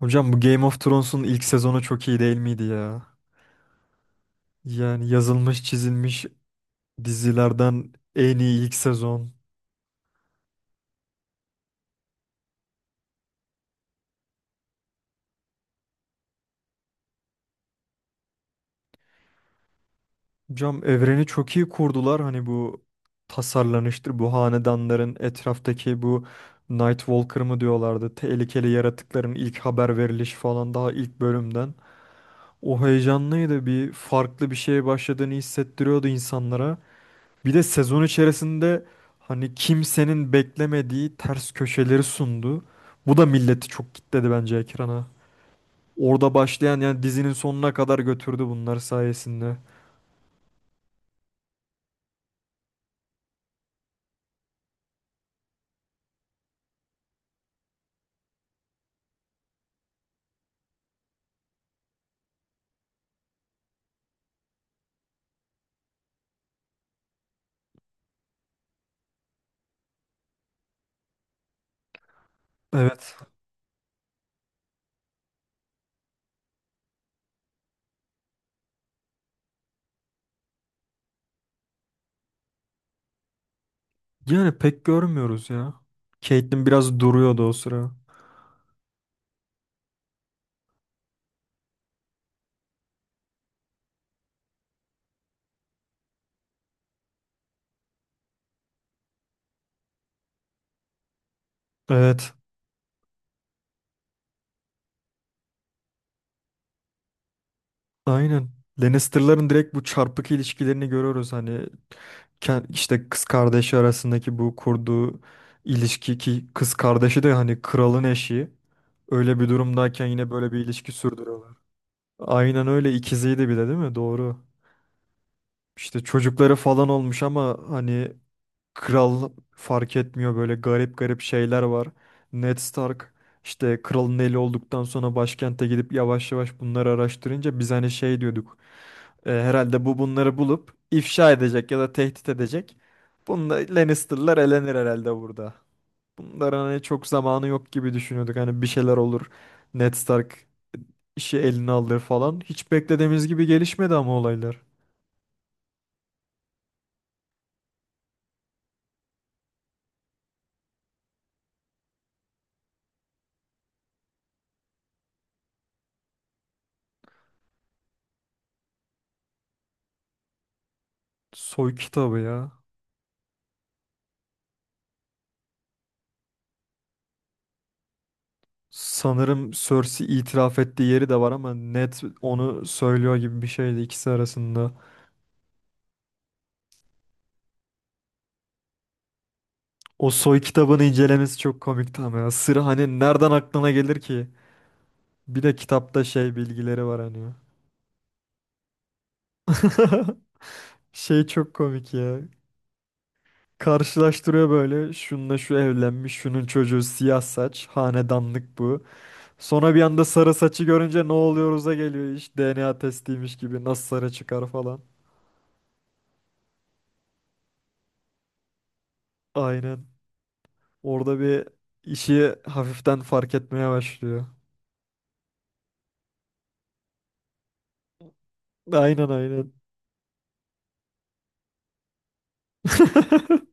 Hocam bu Game of Thrones'un ilk sezonu çok iyi değil miydi ya? Yani yazılmış çizilmiş dizilerden en iyi ilk sezon. Hocam evreni çok iyi kurdular. Hani bu tasarlanıştır, bu hanedanların etraftaki bu Night Walker mı diyorlardı. Tehlikeli yaratıkların ilk haber verilişi falan daha ilk bölümden. O heyecanlıydı. Bir farklı bir şeye başladığını hissettiriyordu insanlara. Bir de sezon içerisinde hani kimsenin beklemediği ters köşeleri sundu. Bu da milleti çok kitledi bence ekrana. Orada başlayan yani dizinin sonuna kadar götürdü bunlar sayesinde. Evet. Yani pek görmüyoruz ya. Caitlyn biraz duruyordu o sıra. Evet. Aynen. Lannister'ların direkt bu çarpık ilişkilerini görüyoruz. Hani işte kız kardeşi arasındaki bu kurduğu ilişki ki kız kardeşi de hani kralın eşi. Öyle bir durumdayken yine böyle bir ilişki sürdürüyorlar. Aynen öyle ikiziydi bir de değil mi? Doğru. İşte çocukları falan olmuş ama hani kral fark etmiyor böyle garip garip şeyler var. Ned Stark işte kralın eli olduktan sonra başkente gidip yavaş yavaş bunları araştırınca biz hani şey diyorduk. "E, herhalde bu bunları bulup ifşa edecek ya da tehdit edecek. Bunlar Lannister'lar elenir herhalde burada. Bunların hani çok zamanı yok gibi düşünüyorduk. Hani bir şeyler olur. Ned Stark işi eline alır falan. Hiç beklediğimiz gibi gelişmedi ama olaylar. Soy kitabı ya. Sanırım Cersei itiraf ettiği yeri de var ama Ned onu söylüyor gibi bir şeydi ikisi arasında. O soy kitabını incelemesi çok komikti ama ya. Sır hani nereden aklına gelir ki? Bir de kitapta şey bilgileri var hani. Şey çok komik ya. Karşılaştırıyor böyle. Şununla şu evlenmiş, şunun çocuğu siyah saç, hanedanlık bu. Sonra bir anda sarı saçı görünce ne oluyoruz'a geliyor iş. DNA testiymiş gibi nasıl sarı çıkar falan. Aynen. Orada bir işi hafiften fark etmeye başlıyor. Aynen aynen.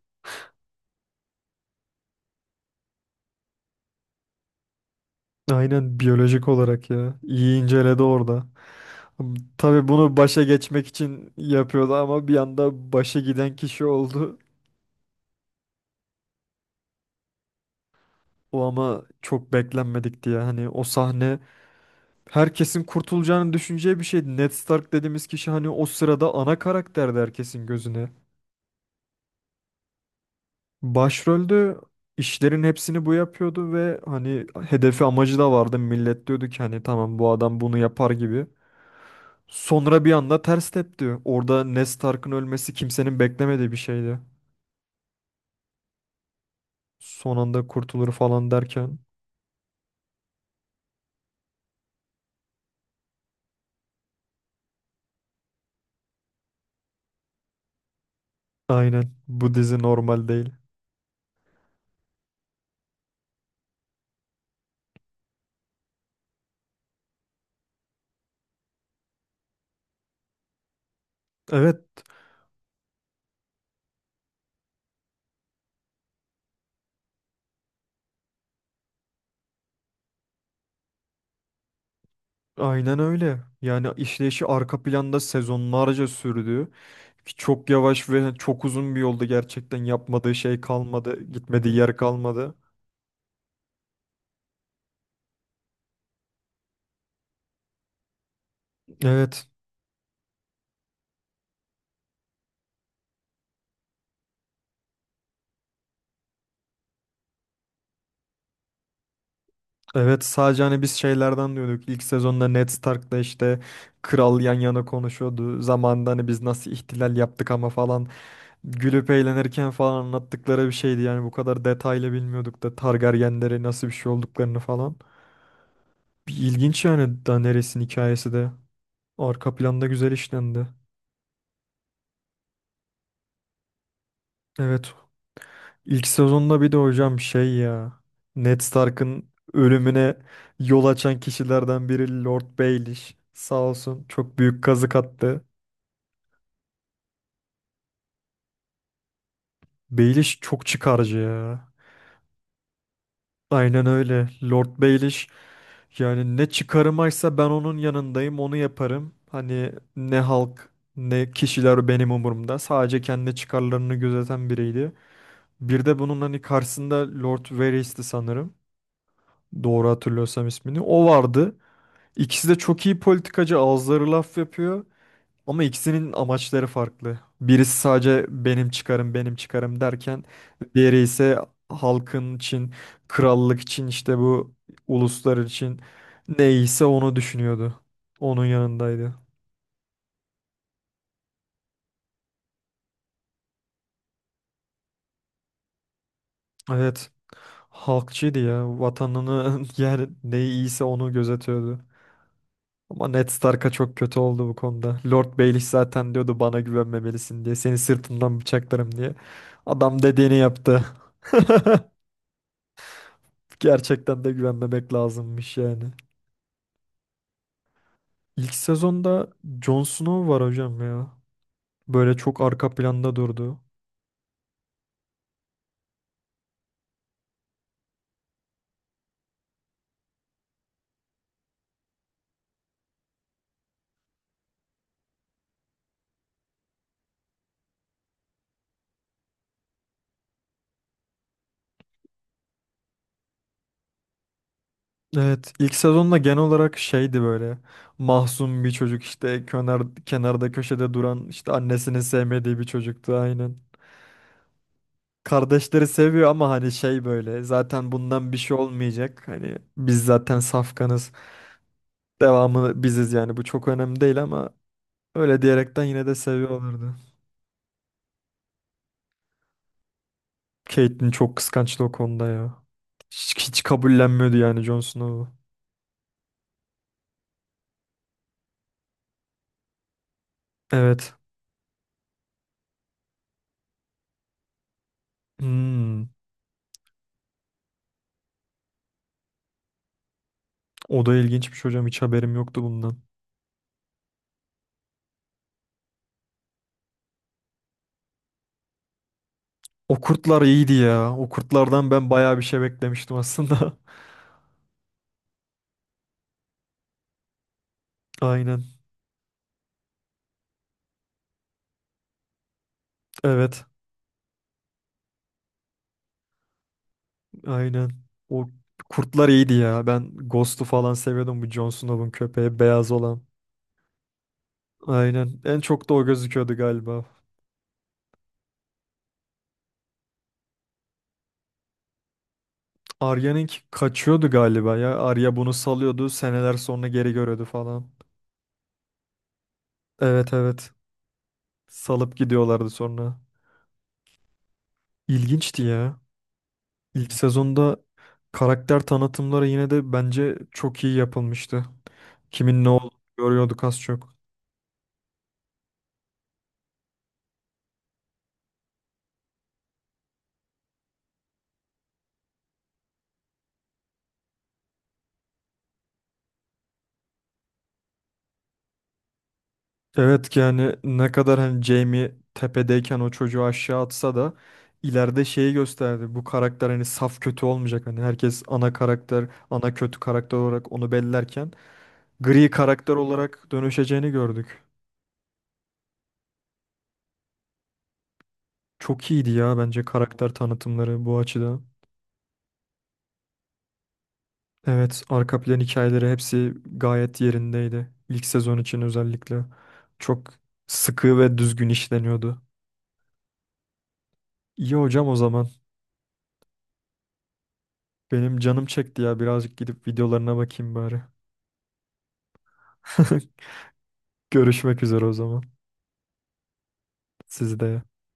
Aynen biyolojik olarak ya. İyi inceledi orada. Tabii bunu başa geçmek için yapıyordu ama bir anda başa giden kişi oldu. O ama çok beklenmedikti ya. Hani o sahne herkesin kurtulacağını düşüneceği bir şeydi. Ned Stark dediğimiz kişi hani o sırada ana karakterdi herkesin gözüne. Başrolde işlerin hepsini bu yapıyordu ve hani hedefi amacı da vardı. Millet diyordu ki hani tamam bu adam bunu yapar gibi. Sonra bir anda ters tepti. Orada Ned Stark'ın ölmesi kimsenin beklemediği bir şeydi. Son anda kurtulur falan derken. Aynen bu dizi normal değil. Evet aynen öyle. Yani işleyişi arka planda sezonlarca sürdü. Ki çok yavaş ve hani, çok uzun bir yolda gerçekten yapmadığı şey kalmadı. Gitmediği yer kalmadı. Evet. Evet, sadece hani biz şeylerden diyorduk. İlk sezonda Ned Stark'la işte kral yan yana konuşuyordu. Zamanında hani biz nasıl ihtilal yaptık ama falan gülüp eğlenirken falan anlattıkları bir şeydi. Yani bu kadar detaylı bilmiyorduk da Targaryenlere nasıl bir şey olduklarını falan. Bir ilginç yani Daenerys'in hikayesi de arka planda güzel işlendi. Evet. İlk sezonda bir de hocam şey ya Ned Stark'ın ölümüne yol açan kişilerden biri Lord Baelish. Sağ olsun çok büyük kazık attı. Baelish çok çıkarcı ya. Aynen öyle. Lord Baelish yani ne çıkarımaysa ben onun yanındayım, onu yaparım. Hani ne halk ne kişiler benim umurumda. Sadece kendi çıkarlarını gözeten biriydi. Bir de bunun hani karşısında Lord Varys'ti sanırım. Doğru hatırlıyorsam ismini. O vardı. İkisi de çok iyi politikacı, ağızları laf yapıyor. Ama ikisinin amaçları farklı. Birisi sadece benim çıkarım, benim çıkarım derken diğeri ise halkın için, krallık için işte bu uluslar için neyse onu düşünüyordu. Onun yanındaydı. Evet. Halkçıydı ya. Vatanını yani ne iyiyse onu gözetiyordu. Ama Ned Stark'a çok kötü oldu bu konuda. Lord Baelish zaten diyordu bana güvenmemelisin diye. Seni sırtından bıçaklarım diye. Adam dediğini yaptı. Gerçekten de güvenmemek lazımmış yani. İlk sezonda Jon Snow var hocam ya. Böyle çok arka planda durdu. Evet, ilk sezonda genel olarak şeydi böyle. Mahzun bir çocuk işte kenar, kenarda köşede duran işte annesinin sevmediği bir çocuktu aynen. Kardeşleri seviyor ama hani şey böyle zaten bundan bir şey olmayacak. Hani biz zaten safkanız. Devamı biziz yani bu çok önemli değil ama öyle diyerekten yine de seviyorlardı. Catelyn çok kıskançtı o konuda ya. Hiç kabullenmiyordu yani Jon Snow'u. Evet. Hmm. O da ilginçmiş hocam. Hiç haberim yoktu bundan. O kurtlar iyiydi ya. O kurtlardan ben bayağı bir şey beklemiştim aslında. Aynen. Evet. Aynen. O kurtlar iyiydi ya. Ben Ghost'u falan seviyordum. Bu Jon Snow'un köpeği beyaz olan. Aynen. En çok da o gözüküyordu galiba. Arya'nın kaçıyordu galiba ya. Arya bunu salıyordu. Seneler sonra geri görüyordu falan. Evet, evet. Salıp gidiyorlardı sonra. İlginçti ya. İlk sezonda karakter tanıtımları yine de bence çok iyi yapılmıştı. Kimin ne olduğunu görüyorduk az çok. Evet ki yani ne kadar hani Jamie tepedeyken o çocuğu aşağı atsa da ileride şeyi gösterdi. Bu karakter hani saf kötü olmayacak. Hani herkes ana karakter, ana kötü karakter olarak onu bellerken gri karakter olarak dönüşeceğini gördük. Çok iyiydi ya bence karakter tanıtımları bu açıdan. Evet, arka plan hikayeleri hepsi gayet yerindeydi. İlk sezon için özellikle çok sıkı ve düzgün işleniyordu. İyi hocam o zaman. Benim canım çekti ya. Birazcık gidip videolarına bakayım bari. Görüşmek üzere o zaman. Siz de.